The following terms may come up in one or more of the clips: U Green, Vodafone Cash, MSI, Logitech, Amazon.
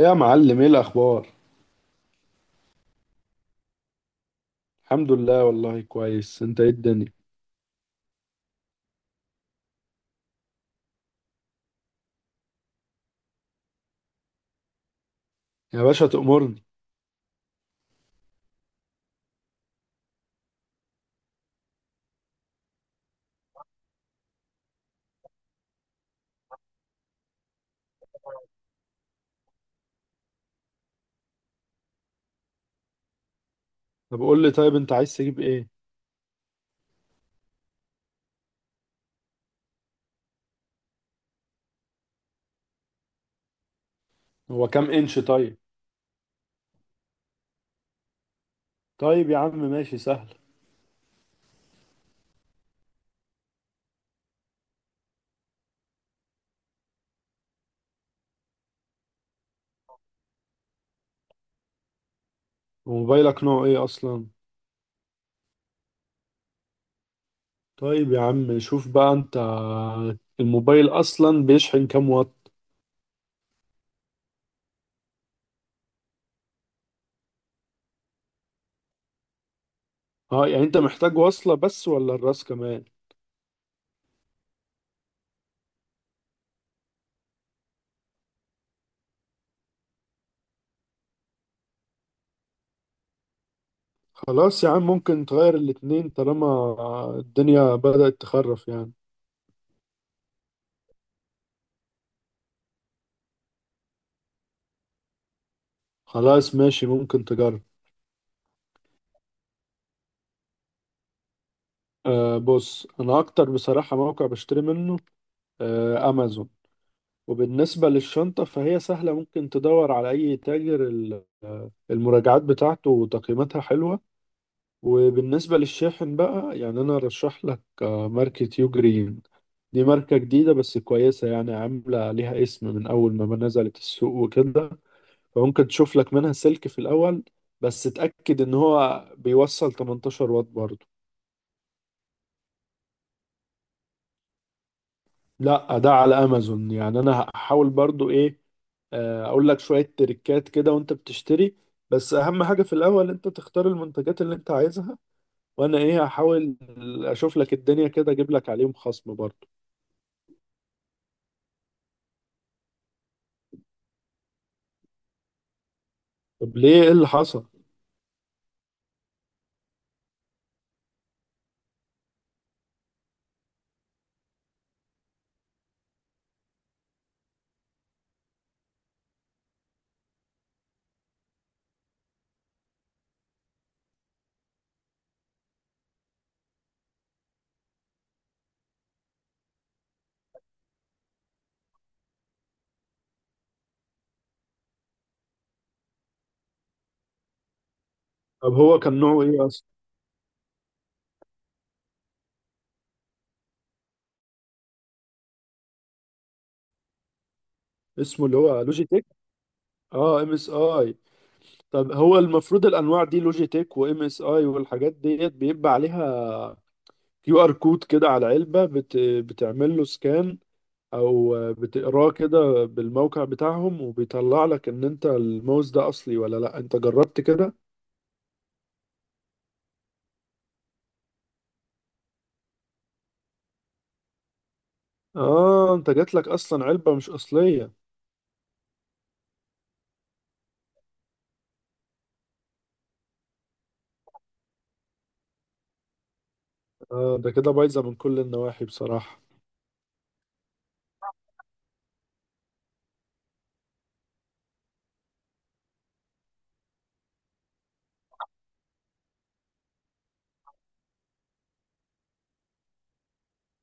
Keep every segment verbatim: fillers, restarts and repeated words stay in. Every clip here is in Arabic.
يا معلم، ايه الاخبار؟ الحمد لله والله، كويس. انت ايه الدنيا؟ يا باشا تأمرني. طب قول لي، طيب انت عايز تجيب ايه؟ هو كام انش طيب؟ طيب يا عم ماشي، سهل. وموبايلك نوعه ايه اصلا؟ طيب يا عم شوف بقى انت، الموبايل اصلا بيشحن كام واط؟ اه يعني انت محتاج وصلة بس ولا الراس كمان؟ خلاص يا عم، ممكن تغير الاتنين طالما الدنيا بدأت تخرف يعني. خلاص ماشي، ممكن تجرب. آه بص، انا اكتر بصراحة موقع بشتري منه آه، امازون. وبالنسبة للشنطة فهي سهلة، ممكن تدور على أي تاجر ال- المراجعات بتاعته وتقييماتها حلوة. وبالنسبة للشاحن بقى يعني أنا أرشح لك آه، ماركة يو جرين. دي ماركة جديدة بس كويسة، يعني عاملة ليها اسم من أول ما نزلت السوق وكده. فممكن تشوف لك منها سلك في الأول، بس تأكد إن هو بيوصل تمنتاشر واط برضه. لا، ده على امازون. يعني انا هحاول برضو ايه، آه، اقول لك شوية تريكات كده وانت بتشتري. بس اهم حاجة في الاول انت تختار المنتجات اللي انت عايزها، وانا ايه هحاول اشوف لك الدنيا كده، اجيب لك عليهم خصم برضو. طب ليه؟ ايه اللي حصل؟ طب هو كان نوعه ايه اصلا؟ اسمه اللي هو لوجيتيك. اه ام اس اي. طب هو المفروض الانواع دي لوجيتيك وام اس اي والحاجات ديت بيبقى عليها كيو ار كود كده على العلبة، بت... بتعمل له سكان او بتقراه كده بالموقع بتاعهم وبيطلع لك ان انت الماوس ده اصلي ولا لا. انت جربت كده؟ اه انت جات لك اصلا علبة مش اصلية. اه ده كده بايظة من كل النواحي بصراحة.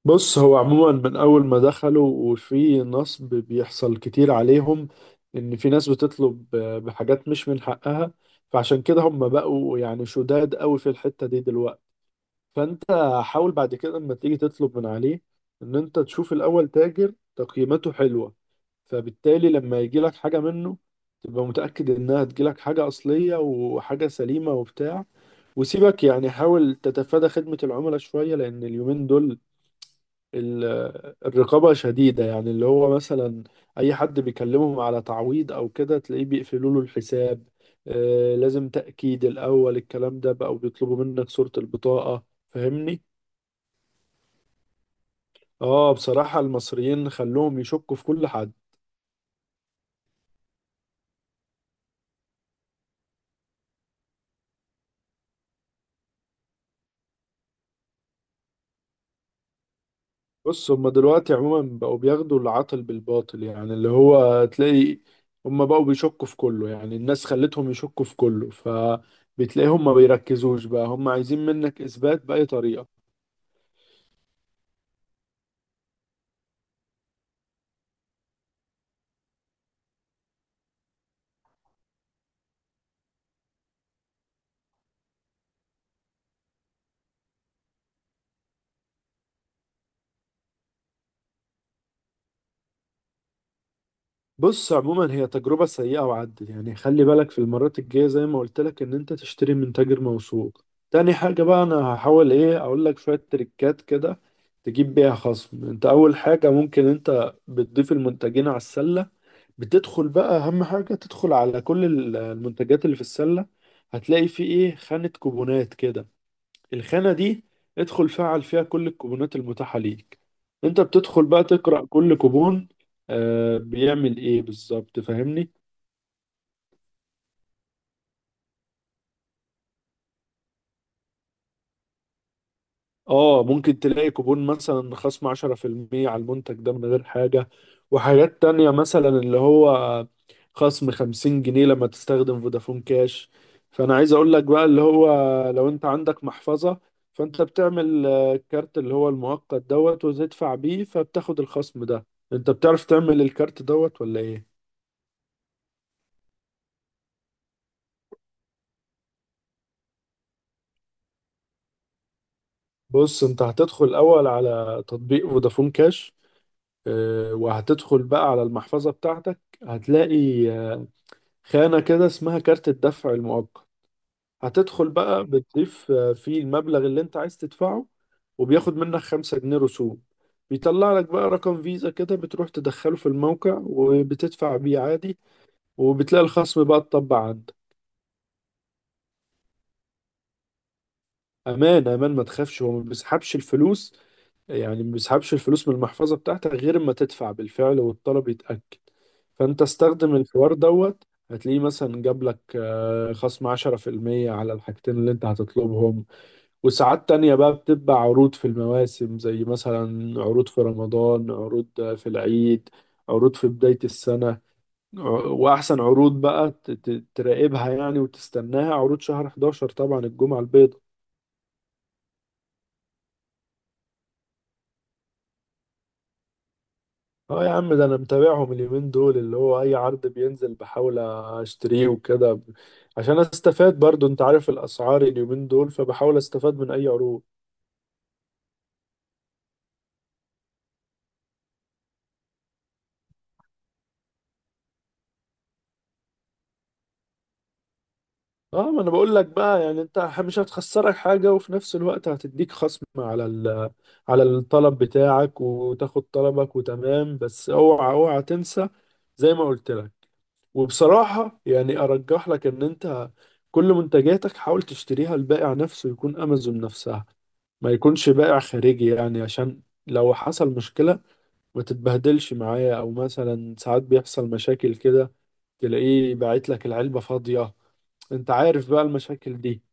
بص، هو عموما من اول ما دخلوا وفي نصب بيحصل كتير عليهم، ان في ناس بتطلب بحاجات مش من حقها، فعشان كده هم بقوا يعني شداد قوي في الحتة دي دلوقتي. فانت حاول بعد كده لما تيجي تطلب من عليه ان انت تشوف الاول تاجر تقييماته حلوة، فبالتالي لما يجيلك حاجة منه تبقى متأكد انها تجيلك حاجة اصلية وحاجة سليمة وبتاع. وسيبك يعني، حاول تتفادى خدمة العملاء شوية، لأن اليومين دول ال- الرقابة شديدة، يعني اللي هو مثلا أي حد بيكلمهم على تعويض أو كده تلاقيه بيقفلوا له الحساب. آه، لازم تأكيد الأول الكلام ده بقى، وبيطلبوا منك صورة البطاقة. فاهمني؟ اه بصراحة المصريين خلوهم يشكوا في كل حد. بص، هما دلوقتي عموما بقوا بياخدوا العاطل بالباطل، يعني اللي هو تلاقي هما بقوا بيشكوا في كله، يعني الناس خلتهم يشكوا في كله، فبتلاقيهم ما بيركزوش بقى، هما عايزين منك إثبات بأي طريقة. بص، عموما هي تجربة سيئة وعدت يعني، خلي بالك في المرات الجاية زي ما قلت لك ان انت تشتري من تاجر موثوق. تاني حاجة بقى، انا هحاول ايه، اقول لك شوية تريكات كده تجيب بيها خصم. انت اول حاجة، ممكن انت بتضيف المنتجين على السلة، بتدخل بقى، اهم حاجة تدخل على كل ال- المنتجات اللي في السلة. هتلاقي في ايه، خانة كوبونات كده. الخانة دي ادخل فعل فيها كل الكوبونات المتاحة ليك. انت بتدخل بقى تقرأ كل كوبون آه بيعمل ايه بالظبط، فاهمني؟ اه ممكن تلاقي كوبون مثلا خصم عشرة في المية على المنتج ده من غير حاجة، وحاجات تانية مثلا اللي هو خصم خمسين جنيه لما تستخدم فودافون كاش. فأنا عايز أقول لك بقى اللي هو، لو أنت عندك محفظة فأنت بتعمل آه، كارت اللي هو المؤقت دوت، وتدفع بيه فبتاخد الخصم ده. أنت بتعرف تعمل الكارت دوت ولا إيه؟ بص، أنت هتدخل أول على تطبيق فودافون كاش، آه، وهتدخل بقى على المحفظة بتاعتك، هتلاقي آه، خانة كده اسمها كارت الدفع المؤقت. هتدخل بقى بتضيف آه، فيه المبلغ اللي انت عايز تدفعه، وبياخد منك خمسة جنيه رسوم. بيطلع لك بقى رقم فيزا كده، بتروح تدخله في الموقع وبتدفع بيه عادي، وبتلاقي الخصم بقى اتطبق عندك. امان امان، ما تخافش، هو ما بيسحبش الفلوس، يعني ما بيسحبش الفلوس من المحفظة بتاعتك غير ما تدفع بالفعل والطلب يتأكد. فانت استخدم الحوار دوت، هتلاقيه مثلا جاب لك آه، خصم عشرة في المية على الحاجتين اللي انت هتطلبهم. وساعات تانية بقى بتبقى عروض في المواسم، زي مثلا عروض في رمضان، عروض في العيد، عروض في بداية السنة. ع- وأحسن عروض بقى ت- ت- تراقبها يعني وتستناها، عروض شهر حداشر طبعا، الجمعة البيضاء. اه يا عم، ده أنا متابعهم اليومين دول، اللي هو أي عرض بينزل بحاول أشتريه وكده ب- عشان أستفاد برضو. أنت عارف الأسعار اليومين دول، فبحاول أستفاد من أي عروض. اه ما انا بقول لك بقى، يعني انت ح- مش هتخسرك حاجه، وفي نفس الوقت هتديك خصم على ال- على الطلب بتاعك، وتاخد طلبك وتمام. بس اوعى اوعى تنسى، زي ما قلت لك. وبصراحه يعني ارجح لك ان انت كل منتجاتك حاول تشتريها البائع نفسه يكون امازون نفسها، ما يكونش بائع خارجي يعني، عشان لو حصل مشكلة ما تتبهدلش معايا. او مثلا ساعات بيحصل مشاكل كده، تلاقيه باعت لك العلبة فاضية. انت عارف بقى المشاكل دي.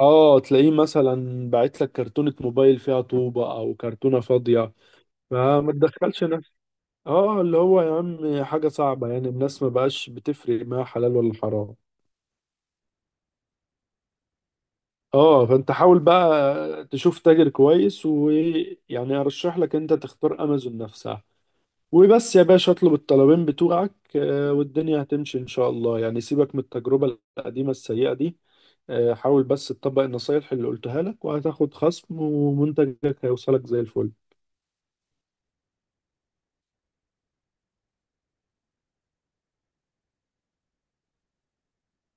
اه تلاقيه مثلا باعت لك كرتونة موبايل فيها طوبة او كرتونة فاضية، فما تدخلش نفسك. اه اللي هو يا عم حاجة صعبة يعني، الناس ما بقاش بتفرق ما حلال ولا حرام. اه فانت حاول بقى تشوف تاجر كويس، ويعني ارشح لك انت تختار امازون نفسها وبس. يا باشا اطلب الطلبين بتوعك، آه، والدنيا هتمشي ان شاء الله يعني. سيبك من التجربة القديمة السيئة دي، آه، حاول بس تطبق النصايح اللي قلتها لك، وهتاخد خصم ومنتجك هيوصلك زي الفل.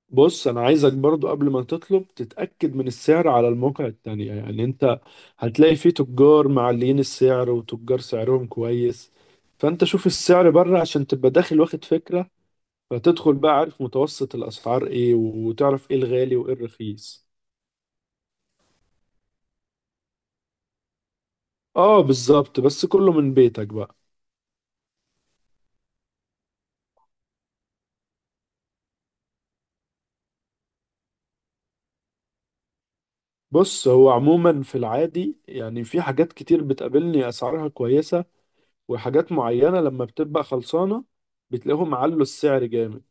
بص، انا عايزك برضو قبل ما تطلب تتأكد من السعر على المواقع التانية. يعني انت هتلاقي فيه تجار معلين السعر، وتجار سعرهم كويس. فانت شوف السعر بره عشان تبقى داخل واخد فكرة، فتدخل بقى عارف متوسط الاسعار ايه، وتعرف ايه الغالي وايه الرخيص. اه بالظبط، بس كله من بيتك بقى. بص هو عموما في العادي، يعني في حاجات كتير بتقابلني اسعارها كويسة، وحاجات معينة لما بتبقى خلصانة بتلاقيهم علوا السعر جامد،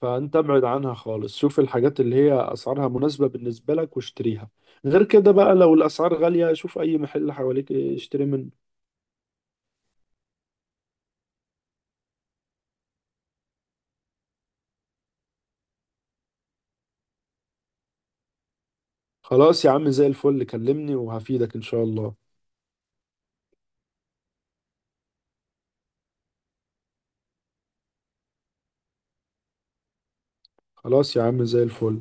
فانت ابعد عنها خالص. شوف الحاجات اللي هي اسعارها مناسبة بالنسبة لك واشتريها، غير كده بقى لو الاسعار غالية شوف اي محل حواليك اشتري منه. خلاص يا عم زي الفل، كلمني وهفيدك ان شاء الله. خلاص يا عم زي الفل.